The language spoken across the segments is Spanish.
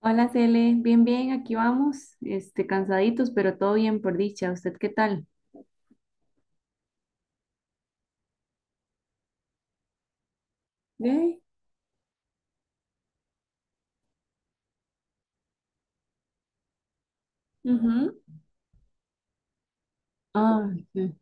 Hola, Cele. Bien, bien, aquí vamos. Este, cansaditos, pero todo bien por dicha. ¿Usted qué tal? Ve. Ujú. Ah, sí.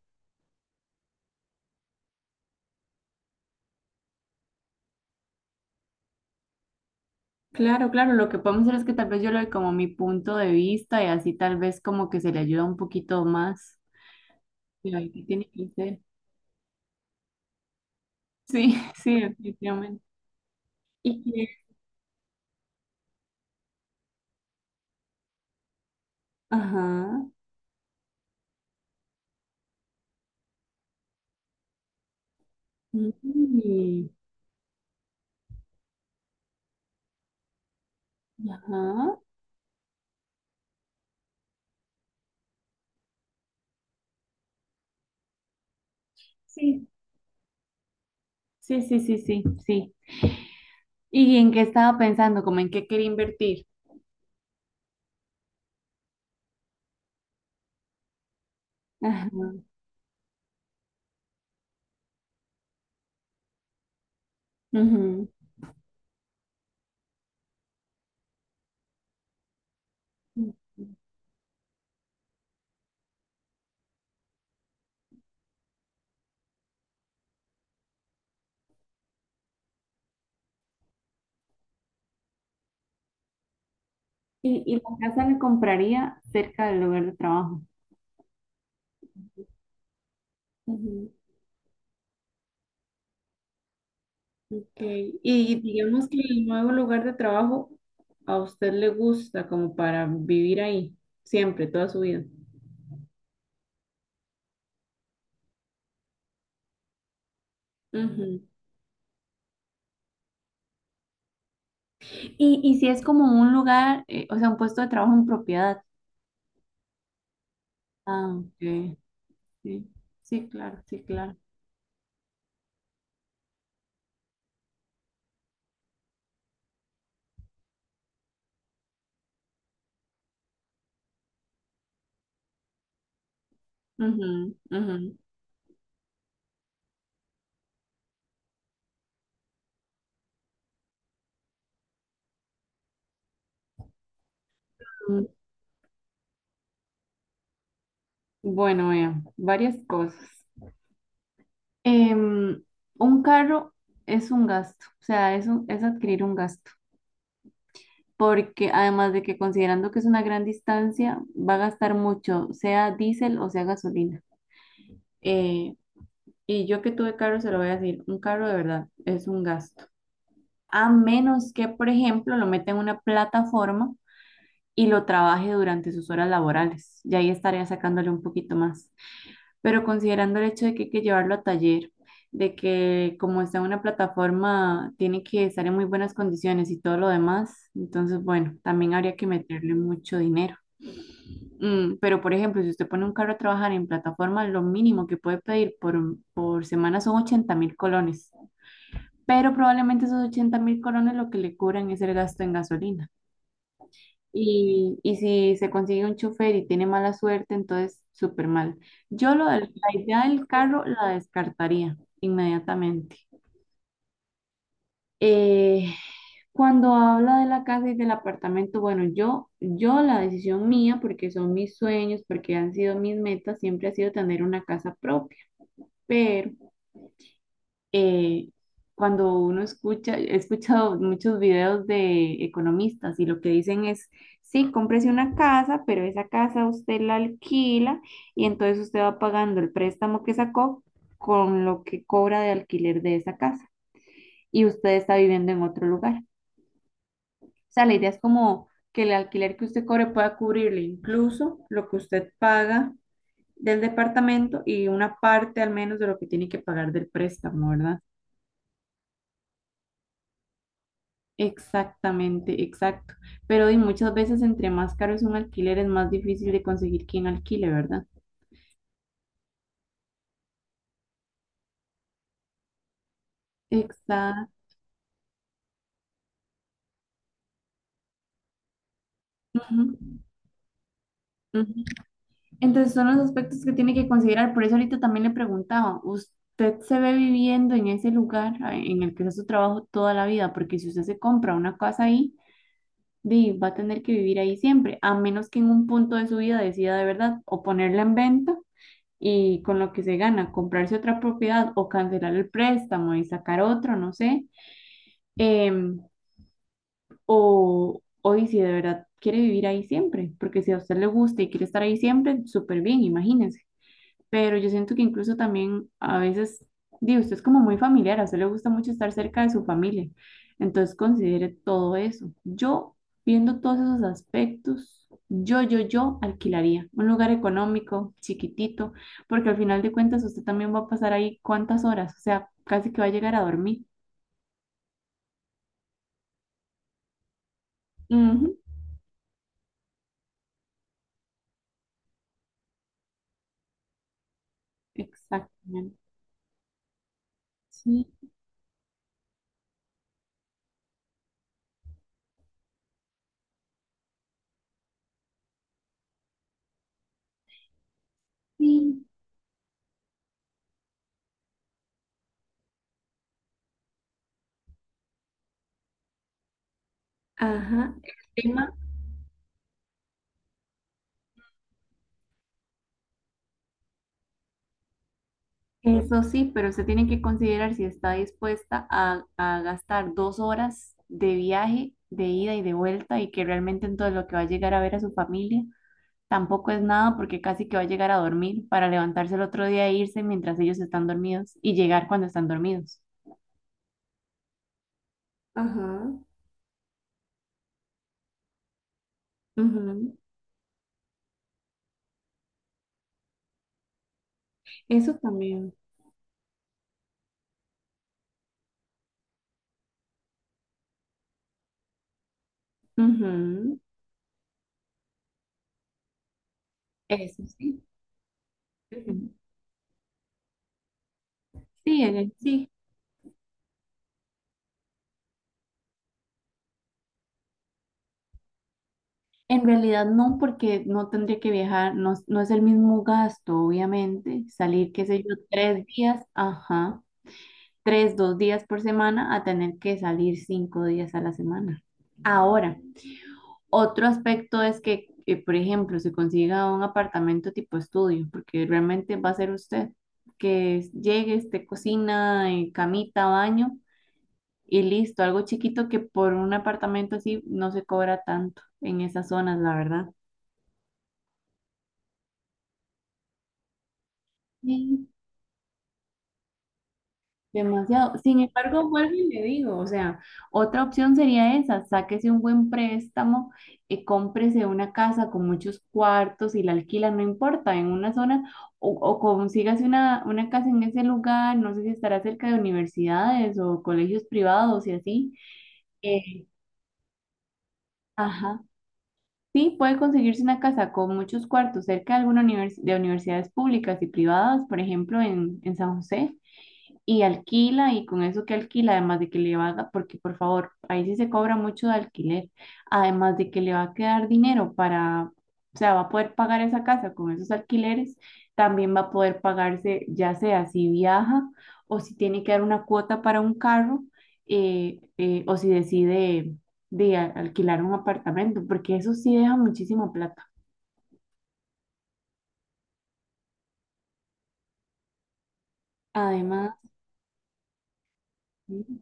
Claro, claro. Lo que podemos hacer es que tal vez yo le doy como mi punto de vista y así tal vez como que se le ayuda un poquito más. Pero ahí, ¿qué tiene que ser? Sí, sí, definitivamente. Y que, ajá. Mm, ajá. Sí, sí, sí, sí, sí, sí. ¿Y en qué estaba pensando? ¿Como en qué quería invertir? Ajá. Ujú. Y la casa la compraría cerca del lugar de trabajo. Ujú, ok. Y digamos que el nuevo lugar de trabajo a usted le gusta como para vivir ahí, siempre, toda su vida. Ujú. Y si es como un lugar, o sea, un puesto de trabajo en propiedad. Ah, ok. Sí, sí, claro, sí, claro. Ujú, ujú. Mm. Bueno, vea, varias cosas. Em, un carro es un gasto, o sea, es adquirir un gasto, porque además de que considerando que es una gran distancia, va a gastar mucho, sea diésel o sea gasolina. Eh, y yo que tuve carro, se lo voy a decir, un carro de verdad es un gasto. A menos que, por ejemplo, lo meta en una plataforma y lo trabaje durante sus horas laborales. Y ahí estaría sacándole un poquito más. Pero considerando el hecho de que hay que llevarlo a taller, de que como está en una plataforma, tiene que estar en muy buenas condiciones y todo lo demás, entonces, bueno, también habría que meterle mucho dinero. Pero, por ejemplo, si usted pone un carro a trabajar en plataforma, lo mínimo que puede pedir por semana son 80.000 colones. Pero probablemente esos 80.000 colones lo que le cubran es el gasto en gasolina. Y si se consigue un chofer y tiene mala suerte, entonces súper mal. Yo la idea del carro la descartaría inmediatamente. Eh, Cuando habla de la casa y del apartamento, bueno, yo la decisión mía, porque son mis sueños, porque han sido mis metas, siempre ha sido tener una casa propia. Pero eh, cuando uno escucha, he escuchado muchos videos de economistas y lo que dicen es, sí, cómprese una casa, pero esa casa usted la alquila y entonces usted va pagando el préstamo que sacó con lo que cobra de alquiler de esa casa y usted está viviendo en otro lugar. O sea, la idea es como que el alquiler que usted cobre pueda cubrirle incluso lo que usted paga del departamento y una parte al menos de lo que tiene que pagar del préstamo, ¿verdad? Exactamente, exacto. Pero y muchas veces entre más caro es un alquiler, es más difícil de conseguir quien alquile, ¿verdad? Exacto. Ujú, ujú. Entonces son los aspectos que tiene que considerar. Por eso ahorita también le preguntaba, ¿usted se ve viviendo en ese lugar ah, en el que hace su trabajo toda la vida? Porque si usted se compra una casa ahí, di, va a tener que vivir ahí siempre, a menos que en un punto de su vida decida de verdad o ponerla en venta y con lo que se gana, comprarse otra propiedad o cancelar el préstamo y sacar otro, no sé, em, o y si de verdad quiere vivir ahí siempre, porque si a usted le gusta y quiere estar ahí siempre, súper bien, imagínense. Pero yo siento que incluso también a veces, digo, usted es como muy familiar, a usted le gusta mucho estar cerca de su familia, entonces considere todo eso. Yo, viendo todos esos aspectos, yo alquilaría un lugar económico, chiquitito, porque al final de cuentas usted también va a pasar ahí cuántas horas, o sea, casi que va a llegar a dormir. Ujú. Exactamente. Sí, sí, ajá. El tema. Eso sí, pero usted tiene que considerar si está dispuesta a, gastar 2 horas de viaje, de ida y de vuelta, y que realmente entonces lo que va a llegar a ver a su familia tampoco es nada, porque casi que va a llegar a dormir para levantarse el otro día e irse mientras ellos están dormidos y llegar cuando están dormidos. Ajá, ujú. Eso también. Ujú. Eso sí. Ujú. Sí, sí. En realidad no, porque no tendría que viajar, no, no es el mismo gasto, obviamente, salir, qué sé yo, 3 días, ajá, tres, 2 días por semana a tener que salir 5 días a la semana. Ahora, otro aspecto es que, por ejemplo, se consiga un apartamento tipo estudio, porque realmente va a ser usted que llegue, esté cocina, camita, baño y listo, algo chiquito que por un apartamento así no se cobra tanto en esas zonas, la verdad. Demasiado. Sin embargo, vuelvo y le digo, o sea, otra opción sería esa, sáquese un buen préstamo, y cómprese una casa con muchos cuartos y la alquila, no importa, en una zona, o consígase una casa en ese lugar, no sé si estará cerca de universidades o colegios privados y así. Eh, ajá. Sí, puede conseguirse una casa con muchos cuartos cerca de alguna de universidades públicas y privadas, por ejemplo, en San José, y alquila y con eso que alquila, además de que le va a, porque por favor, ahí sí se cobra mucho de alquiler, además de que le va a quedar dinero para, o sea, va a poder pagar esa casa con esos alquileres, también va a poder pagarse, ya sea si viaja o si tiene que dar una cuota para un carro o si decide alquilar un apartamento, porque eso sí deja muchísima plata. Además, sí,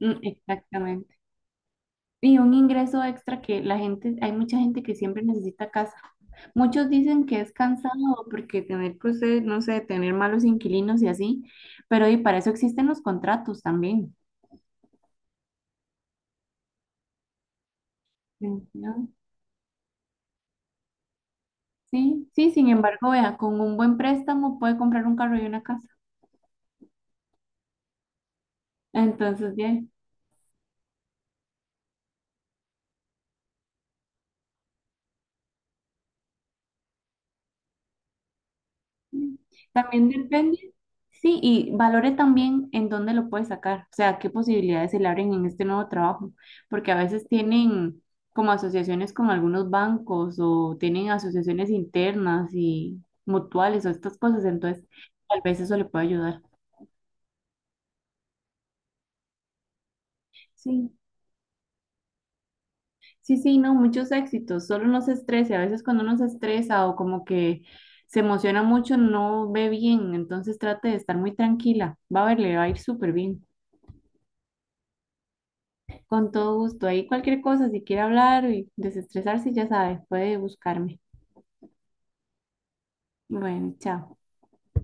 mm, exactamente. Y un ingreso extra que la gente, hay mucha gente que siempre necesita casa. Muchos dicen que es cansado porque tener, pues, no sé, tener malos inquilinos y así, pero y para eso existen los contratos también. Mm, ¿no? Sí, sí, sin embargo, vea, con un buen préstamo puede comprar un carro y una casa. Entonces, ya. También depende, sí, y valore también en dónde lo puede sacar, o sea, qué posibilidades se le abren en este nuevo trabajo, porque a veces tienen como asociaciones con algunos bancos o tienen asociaciones internas y mutuales o estas cosas, entonces tal vez eso le puede ayudar. Sí, sí, sí, no, muchos éxitos, solo no se estrese, a veces cuando uno se estresa o como que se emociona mucho, no ve bien, entonces trate de estar muy tranquila, va a ver, le va a ir súper bien. Con todo gusto. Ahí cualquier cosa, si quiere hablar y desestresarse, ya sabe, puede buscarme. Bueno, chao.